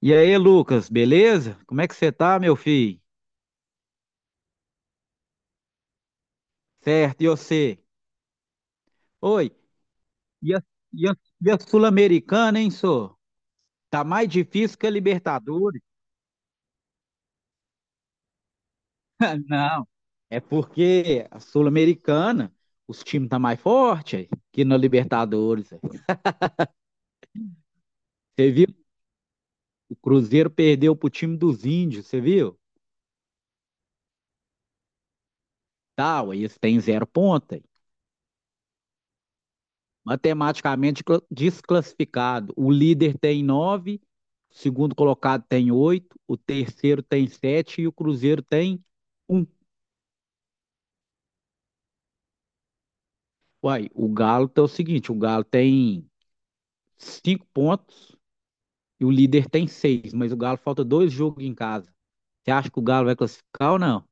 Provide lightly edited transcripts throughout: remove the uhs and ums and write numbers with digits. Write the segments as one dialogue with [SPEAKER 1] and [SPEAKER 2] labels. [SPEAKER 1] E aí, Lucas, beleza? Como é que você tá, meu filho? Certo, e você? Oi, e a, e a- e a Sul-Americana, hein, senhor? Tá mais difícil que a Libertadores. Não, é porque a Sul-Americana, os times tá mais forte aí, que na Libertadores, aí. Você viu? O Cruzeiro perdeu pro time dos índios, você viu? Tá, ué, eles têm zero ponta. Matematicamente desclassificado. O líder tem nove, o segundo colocado tem oito, o terceiro tem sete e o Cruzeiro tem um. Uai, o Galo é o seguinte: o Galo tem cinco pontos e o líder tem seis, mas o Galo falta dois jogos em casa. Você acha que o Galo vai classificar ou não?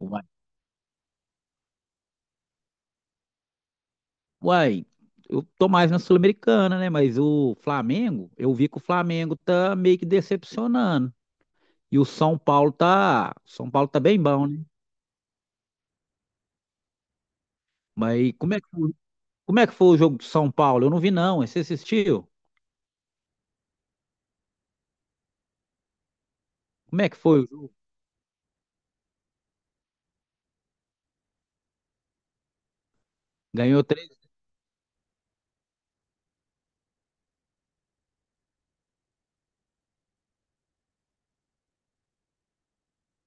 [SPEAKER 1] Uai, Uai, eu tô mais na Sul-Americana, né? Mas o Flamengo, eu vi que o Flamengo tá meio que decepcionando. E o São Paulo tá bem bom, né? Mas e como é que foi o jogo do São Paulo? Eu não vi, não. Você assistiu? Como é que foi o jogo? Ganhou três?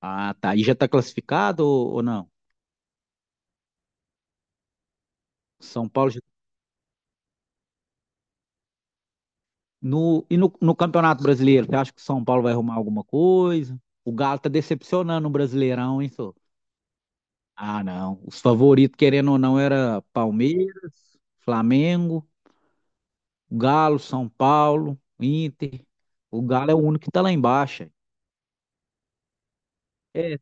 [SPEAKER 1] Ah, tá. E já tá classificado ou não? São Paulo já... no Campeonato Brasileiro, você acha que o São Paulo vai arrumar alguma coisa? O Galo tá decepcionando o Brasileirão, hein, senhor? Ah, não. Os favoritos, querendo ou não, era Palmeiras, Flamengo, Galo, São Paulo, Inter. O Galo é o único que tá lá embaixo. É.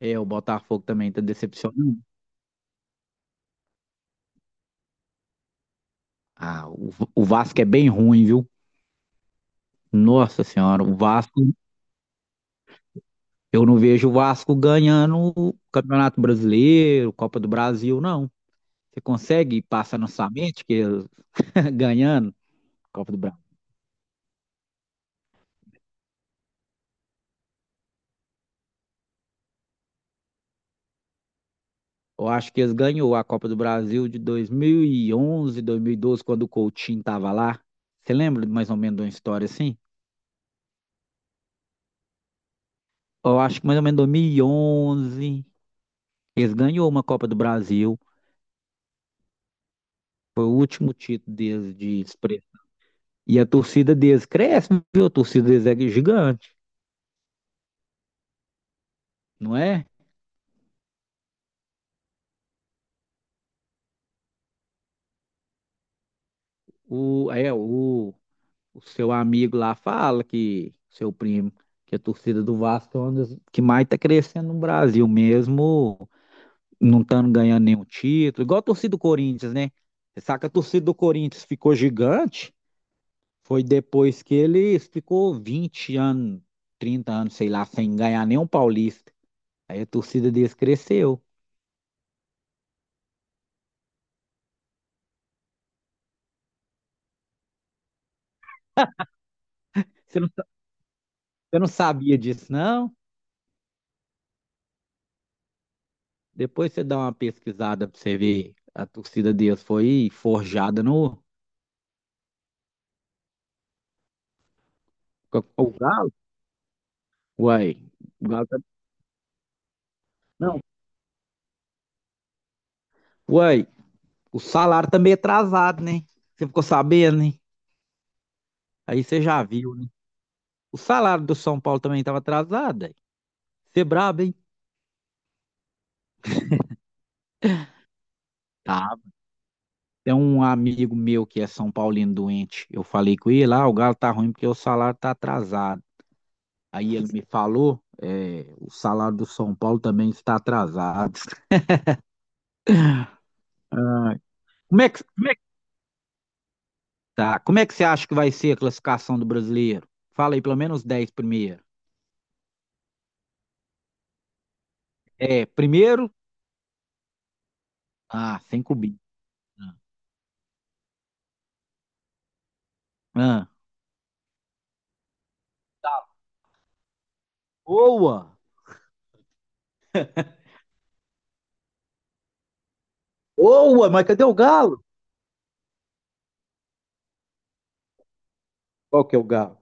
[SPEAKER 1] É, o Botafogo também tá decepcionando. Ah, o Vasco é bem ruim, viu? Nossa Senhora, o Vasco, eu não vejo o Vasco ganhando o Campeonato Brasileiro, Copa do Brasil, não. Você consegue passar na sua mente que eles ganhando Copa do Brasil? Eu acho que eles ganhou a Copa do Brasil de 2011, 2012, quando o Coutinho tava lá. Você lembra mais ou menos de uma história assim? Eu acho que mais ou menos 2011, eles ganhou uma Copa do Brasil. Foi o último título deles de. E a torcida deles cresce, viu? A torcida deles é gigante, não é? O, é, o, o seu amigo lá fala que, seu primo, que a torcida do Vasco é uma das que mais tá crescendo no Brasil, mesmo não estando ganhando nenhum título, igual a torcida do Corinthians, né? Você sabe que a torcida do Corinthians ficou gigante, foi depois que ele ficou 20 anos, 30 anos, sei lá, sem ganhar nenhum paulista. Aí a torcida deles cresceu. Você não, sa- você não sabia disso, não? Depois você dá uma pesquisada pra você ver. A torcida deles foi forjada no. O Galo? Uai. O Galo tá- Não. Uai, o salário tá meio atrasado, né? Você ficou sabendo, né? Aí você já viu, né? O salário do São Paulo também tava atrasado, aí. Você é brabo, hein? Tá. Tem um amigo meu que é São Paulino doente. Eu falei com ele, ah, o Galo tá ruim porque o salário tá atrasado. Aí ele me falou, é, o salário do São Paulo também está atrasado. Como é que, como é Tá. Como é que você acha que vai ser a classificação do brasileiro? Fala aí, pelo menos 10 primeiro. É, primeiro? Ah, sem cubinho. Ah. Boa! Boa, mas cadê o Galo? Qual que é o Galo?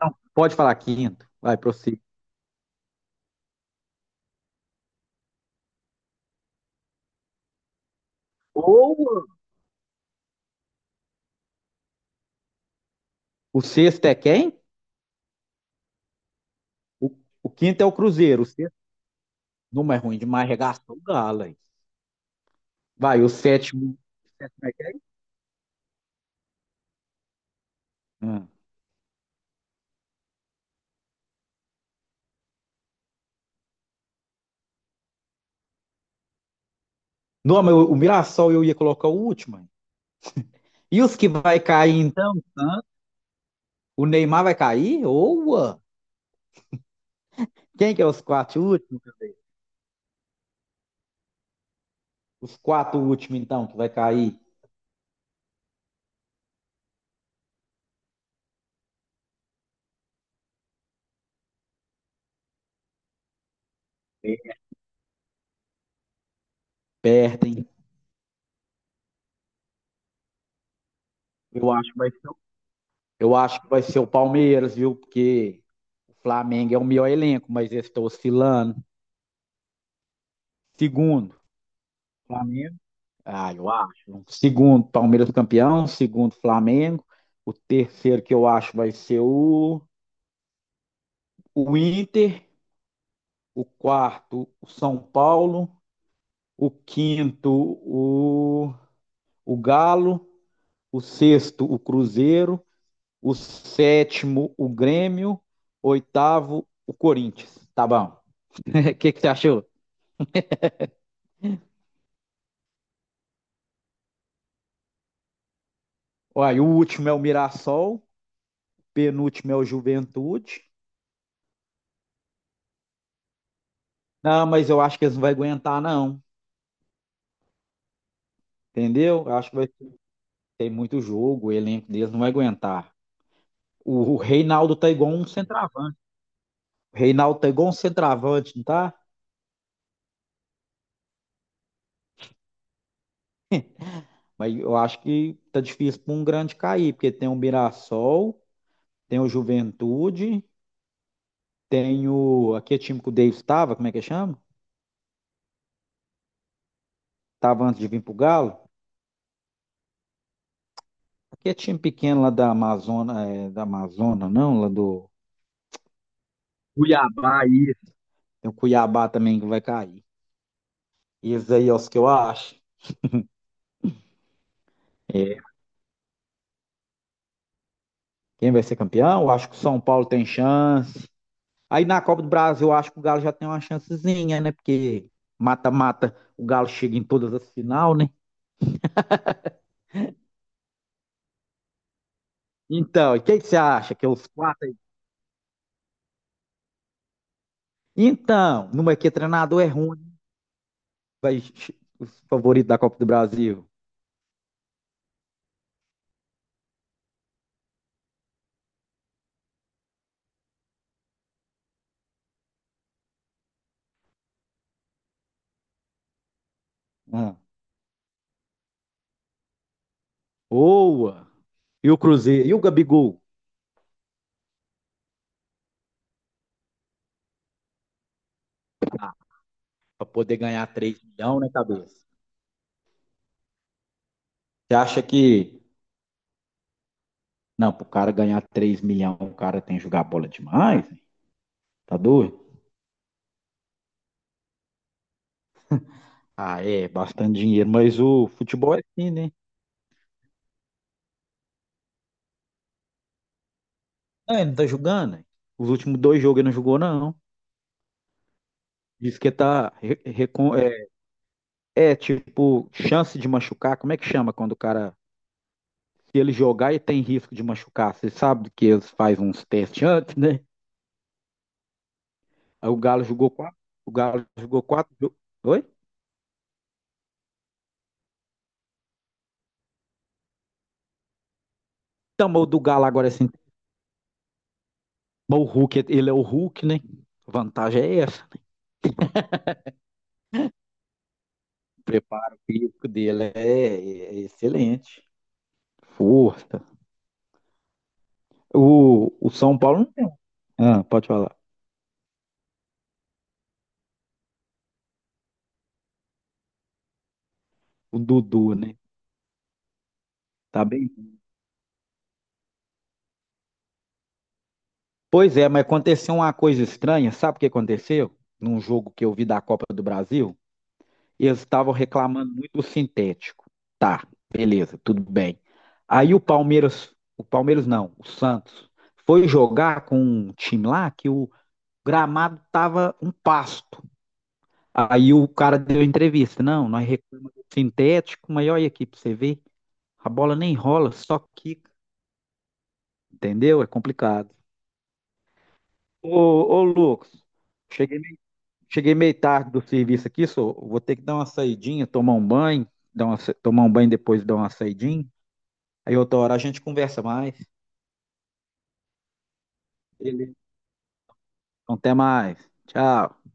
[SPEAKER 1] Não, pode falar quinto. Vai, prossiga. Boa! O sexto é quem? O, o quinto é o Cruzeiro. O sexto não mas é ruim demais, regaçou o Galo. Hein? Vai, o sétimo. O sétimo é quem? Ah. Não, mas o Mirassol eu ia colocar o último, hein? E os que vai cair, então? O Neymar vai cair? Boa! Quem que é os quatro últimos? Os quatro últimos, então, que vai cair, perdem. Eu acho, que vai- eu acho que vai ser o Palmeiras, viu? Porque o Flamengo é o melhor elenco, mas eles estão oscilando. Segundo, Flamengo. Ah, eu acho. Segundo, Palmeiras campeão. Segundo, Flamengo. O terceiro que eu acho vai ser o Inter. O quarto, o São Paulo. O quinto, o, o Galo. O sexto, o Cruzeiro. O sétimo, o Grêmio, oitavo, o Corinthians. Tá bom. O que, que você achou? Olha, o último é o Mirassol, penúltimo é o Juventude. Não, mas eu acho que eles não vão aguentar, não. Entendeu? Eu acho que vai ter muito jogo, o elenco deles não vai aguentar. O Reinaldo tá igual um centroavante. O Reinaldo tá igual um centroavante, não tá? Mas eu acho que tá difícil para um grande cair, porque tem o Mirassol, tem o Juventude, tem o. Aqui é time que o Davis estava, como é que chama? Estava antes de vir para o Galo. Aqui é time pequeno lá da Amazônia, é, da Amazônia, não, lá do. Cuiabá aí. Tem o Cuiabá também que vai cair. E esses aí é os que eu acho. É, quem vai ser campeão? Eu acho que o São Paulo tem chance. Aí na Copa do Brasil, eu acho que o Galo já tem uma chancezinha, né? Porque mata-mata, o Galo chega em todas as final, né? Então, e quem que você acha? Que é os quatro aí? Então, numa que treinador é ruim, vai os favoritos da Copa do Brasil. Hum. Boa! E o Cruzeiro, e o Gabigol, para poder ganhar 3 milhões na cabeça. Você acha que, não, pro cara ganhar 3 milhões, o cara tem que jogar bola demais, hein? Tá doido? Ah, é, bastante dinheiro, mas o futebol é assim, né? Ah, ele não tá jogando, hein? Os últimos dois jogos ele não jogou, não. Diz que tá. É, tipo, chance de machucar. Como é que chama quando o cara. Se ele jogar e tem risco de machucar, você sabe que eles fazem uns testes antes, né? Aí o Galo jogou quatro. O Galo jogou quatro. Oi? Então, mas o do Galo agora, é assim, mas o Hulk, ele é o Hulk, né? Vantagem é essa, né? O preparo físico dele é excelente. Força. O São Paulo não tem. Um. Ah, pode falar. O Dudu, né? Tá bem? Pois é, mas aconteceu uma coisa estranha. Sabe o que aconteceu? Num jogo que eu vi da Copa do Brasil, eles estavam reclamando muito do sintético. Tá, beleza, tudo bem. Aí o Palmeiras não, o Santos, foi jogar com um time lá que o, gramado tava um pasto. Aí o cara deu entrevista, não, nós reclamamos do sintético, mas olha aqui para você ver, a bola nem rola, só quica, entendeu? É complicado. Ô, ô Lucas, cheguei meio, cheguei meio tarde do serviço aqui, só vou ter que dar uma saidinha, tomar um banho, tomar um banho depois dar uma saidinha. Aí outra hora a gente conversa mais. Beleza. Então, até mais. Tchau.